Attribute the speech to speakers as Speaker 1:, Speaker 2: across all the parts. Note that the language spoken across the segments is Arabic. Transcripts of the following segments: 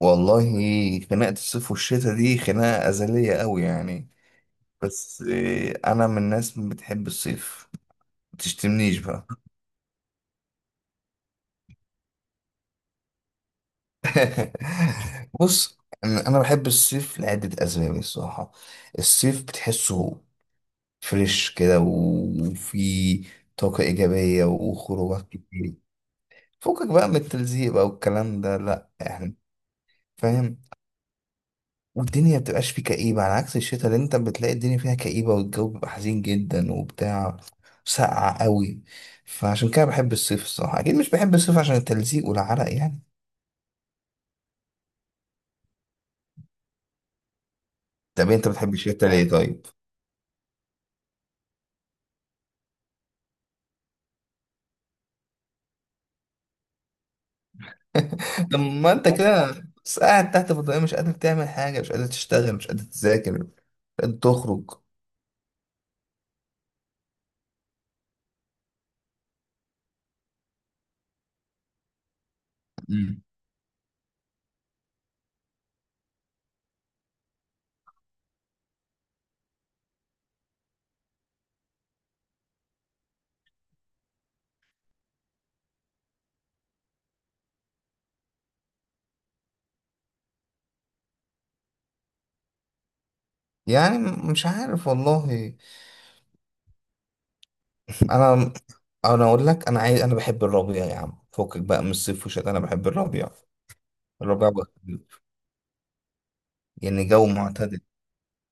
Speaker 1: والله، خناقة الصيف والشتاء دي خناقة أزلية قوي يعني. بس إيه، أنا من الناس اللي بتحب الصيف. ما تشتمنيش بقى. بص، أنا بحب الصيف لعدة أسباب الصراحة. الصيف بتحسه فريش كده، وفي طاقة إيجابية وخروجات كتير. فكك بقى من التلزيق بقى والكلام ده، لأ يعني. فاهم. والدنيا بتبقاش فيه كئيبة، على عكس الشتاء اللي انت بتلاقي الدنيا فيها كئيبة، والجو بيبقى حزين جدا وبتاع. ساقعة قوي. فعشان كده بحب الصيف الصراحة. أكيد مش بحب الصيف عشان التلزيق والعرق يعني. طب انت بتحب الشتاء ليه طيب؟ طب ما انت كده بس قاعد تحت في الضيقة، مش قادر تعمل حاجة، مش قادر تشتغل، مش قادر تذاكر، مش قادر تخرج. مم. يعني مش عارف والله. انا انا اقول لك انا عايز انا بحب الربيع يا عم، فكك بقى من الصيف والشتاء، انا بحب الربيع. الربيع بقى. يعني جو معتدل.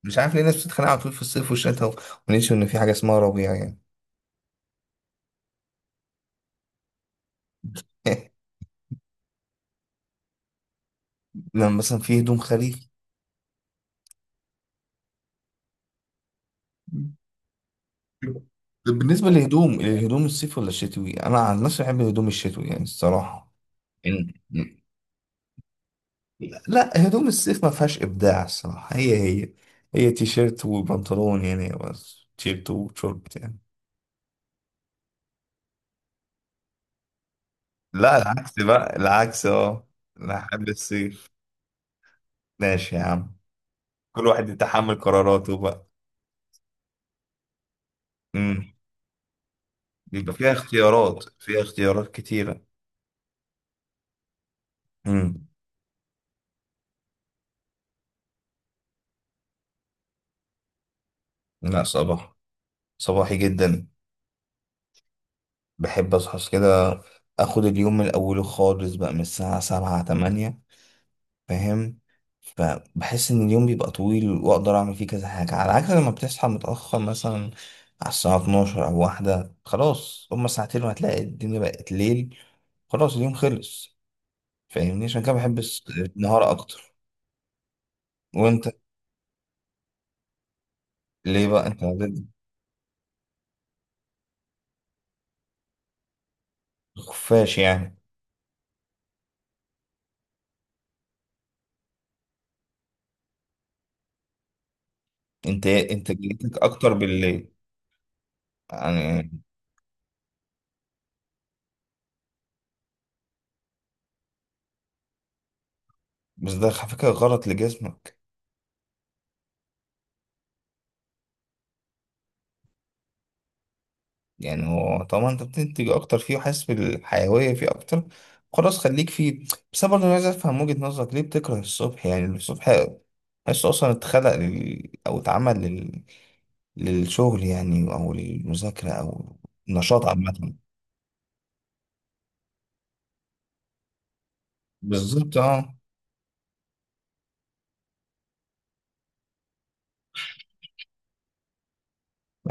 Speaker 1: مش عارف ليه الناس بتتخانق على طول في الصيف والشتاء، وننسوا ان في حاجه اسمها ربيع يعني. لما مثلا في هدوم خريفي. طب بالنسبه للهدوم، الصيف ولا الشتوي؟ انا عن نفسي بحب الهدوم الشتوي يعني الصراحه. إن- لا، هدوم الصيف ما فيهاش ابداع الصراحه. هي هي تيشيرت وبنطلون يعني، بس تيشيرت وشورت يعني. لا العكس بقى، العكس اه. انا حابب الصيف. ماشي يا عم، كل واحد يتحمل قراراته بقى. بيبقى فيها اختيارات، فيها اختيارات كتيرة. امم. لا صباح، صباحي جدا. بحب اصحى كده، اخد اليوم من اوله خالص بقى، من الساعة 7 8. فاهم. فبحس ان اليوم بيبقى طويل واقدر اعمل فيه كذا حاجة، على عكس لما بتصحى متأخر مثلا على الساعة 12 او 1، خلاص هما ساعتين وهتلاقي الدنيا بقت ليل، خلاص اليوم خلص. فاهمني، عشان كده بحب النهار اكتر. وانت ليه بقى انت؟ خفاش يعني. انت انتاجيتك اكتر بالليل يعني. بس ده على فكرة غلط لجسمك. يعني هو طالما انت بتنتج اكتر فيه، وحاسس بالحيوية فيه اكتر، خلاص خليك فيه. بس انا برضه عايز افهم وجهة نظرك، ليه بتكره الصبح؟ يعني الصبح حاسه اصلا اتخلق لل... او اتعمل لل... للشغل يعني، او للمذاكرة، او نشاط عامة. بالظبط اه.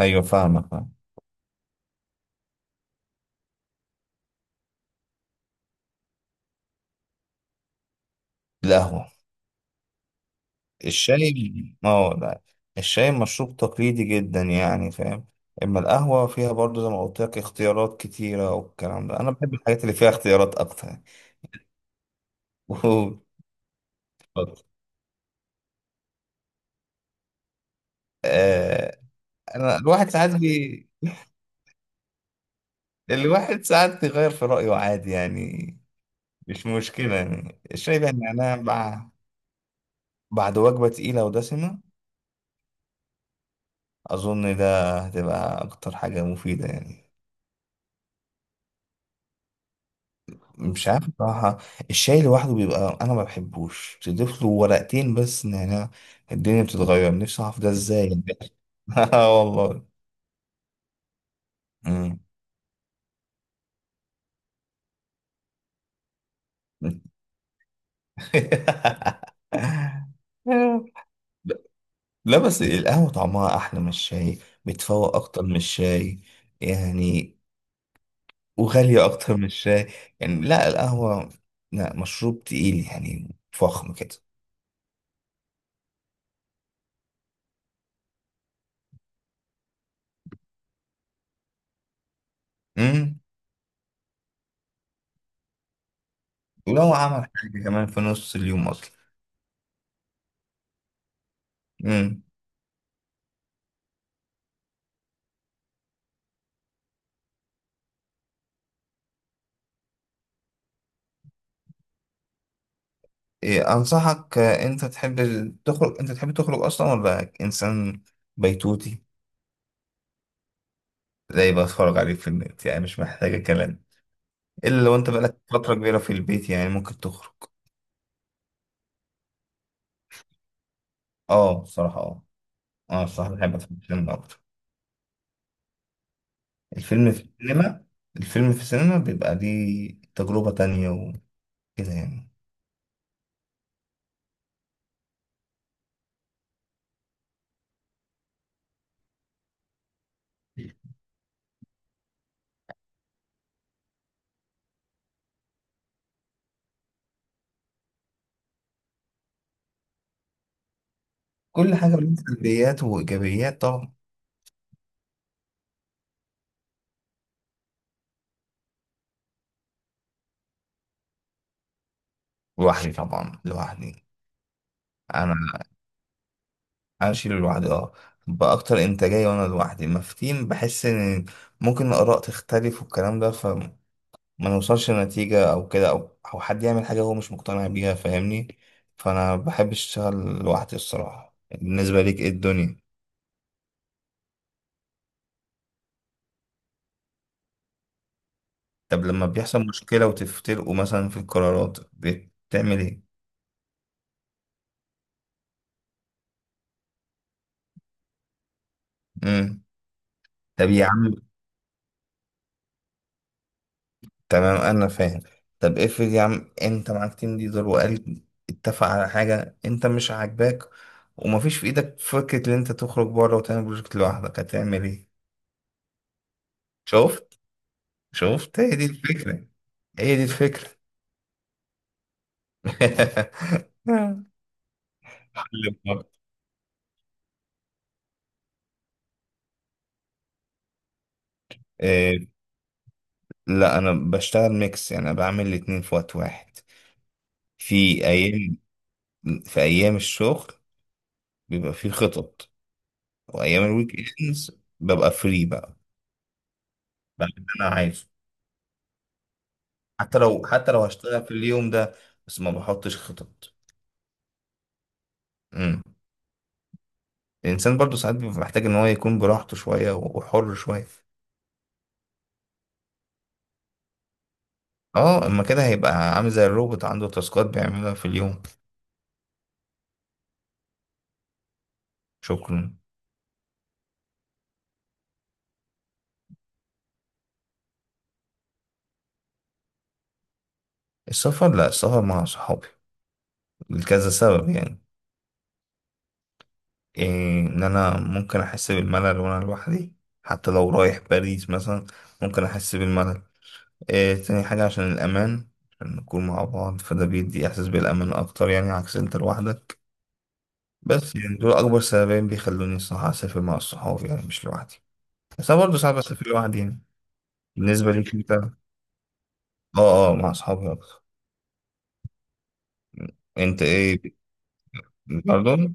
Speaker 1: ايوه فاهمك، فاهم. القهوة. الشاي؟ اه لا، الشاي مشروب تقليدي جدا يعني، فاهم. اما القهوة فيها برضو، زي ما قلت لك، اختيارات كتيرة والكلام ده، انا بحب الحاجات اللي فيها اختيارات اكتر. اتفضل. آه. انا الواحد ساعات الواحد ساعات بيغير في رأيه عادي يعني، مش مشكلة يعني. الشاي بقى نعناع، مع بعد وجبة تقيلة ودسمة اظن ده هتبقى اكتر حاجة مفيدة يعني. مش عارف بصراحة، الشاي لوحده بيبقى، أنا ما بحبوش. تضيف له ورقتين بس نعناع، الدنيا بتتغير. نفسي أعرف ده إزاي يعني. آه والله. مم. لا بس القهوة طعمها أحلى من الشاي، بتفوق أكتر من الشاي يعني، وغالية أكتر من الشاي يعني. لا القهوة لا، مشروب تقيل يعني، فخم كده. مم. ولو عمل حاجة كمان في نص اليوم. أصلا. إيه، أنصحك. آه، أنت تحب تخرج؟ أنت تحب تخرج أصلا ولا إنسان بيتوتي؟ زي بتفرج عليه في النت يعني، مش محتاجة كلام، إلا لو أنت بقالك فترة كبيرة في البيت يعني ممكن تخرج. أه بصراحة أه. أنا بصراحة بحب أتفرج في السينما أكتر. الفيلم في السينما، الفيلم في السينما بيبقى ليه تجربة تانية وكده يعني. كل حاجة ليها سلبيات وإيجابيات طبعا. لوحدي طبعا، لوحدي. أنا اشيله لوحدي اه، باكتر انتاجيه. وانا لوحدي ما في تيم، بحس ان ممكن الاراء تختلف والكلام ده، فما نوصلش لنتيجه، او كده، او حد يعمل حاجه هو مش مقتنع بيها، فاهمني. فانا بحب اشتغل لوحدي الصراحه. بالنسبه ليك ايه الدنيا؟ طب لما بيحصل مشكله وتفترقوا مثلا في القرارات، بتعمل ايه؟ امم. طب يا عم، تمام انا فاهم. طب افرض يا عم انت معاك تيم ليدر وقال اتفق على حاجه انت مش عاجباك، ومفيش في ايدك فكره ان انت تخرج بره وتعمل بروجكت لوحدك، هتعمل ايه؟ شفت؟ شفت، هي دي الفكره، هي دي الفكره. حل المرض. إيه، لا انا بشتغل ميكس يعني، انا بعمل الاتنين في وقت واحد. في ايام، في ايام الشغل بيبقى فيه خطط، وايام الويك اندز ببقى فري بقى، بعمل اللي انا عايزه. حتى لو هشتغل في اليوم ده، بس ما بحطش خطط. امم. الانسان برضو ساعات بيبقى محتاج ان هو يكون براحته شويه وحر شويه. اه، اما كده هيبقى عامل زي الروبوت، عنده تاسكات بيعملها في اليوم. شكرا. السفر؟ لا، السفر مع صحابي، لكذا سبب يعني. إيه، ان انا ممكن احس بالملل وانا لوحدي، حتى لو رايح باريس مثلا ممكن احس بالملل. إيه تاني حاجه، عشان الامان، عشان نكون مع بعض فده بيدي احساس بالامان اكتر، يعني عكس انت لوحدك. بس يعني دول أكبر سببين بيخلوني الصراحة أسافر مع الصحاب يعني، مش لوحدي. بس أنا برضه صعب أسافر لوحدي يعني. بالنسبة ليك أنت؟ أه أه، مع أصحابي أكتر. أنت إيه؟ برضه؟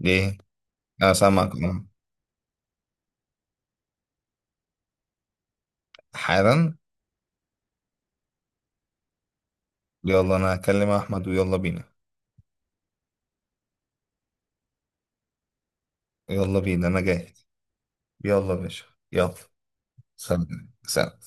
Speaker 1: ليه؟ أنا سامعك، أه. حالا. يلا، أنا هكلم أحمد ويلا بينا. يلا بينا، أنا جاهز. يلا يا باشا، يلا. سلام سلام.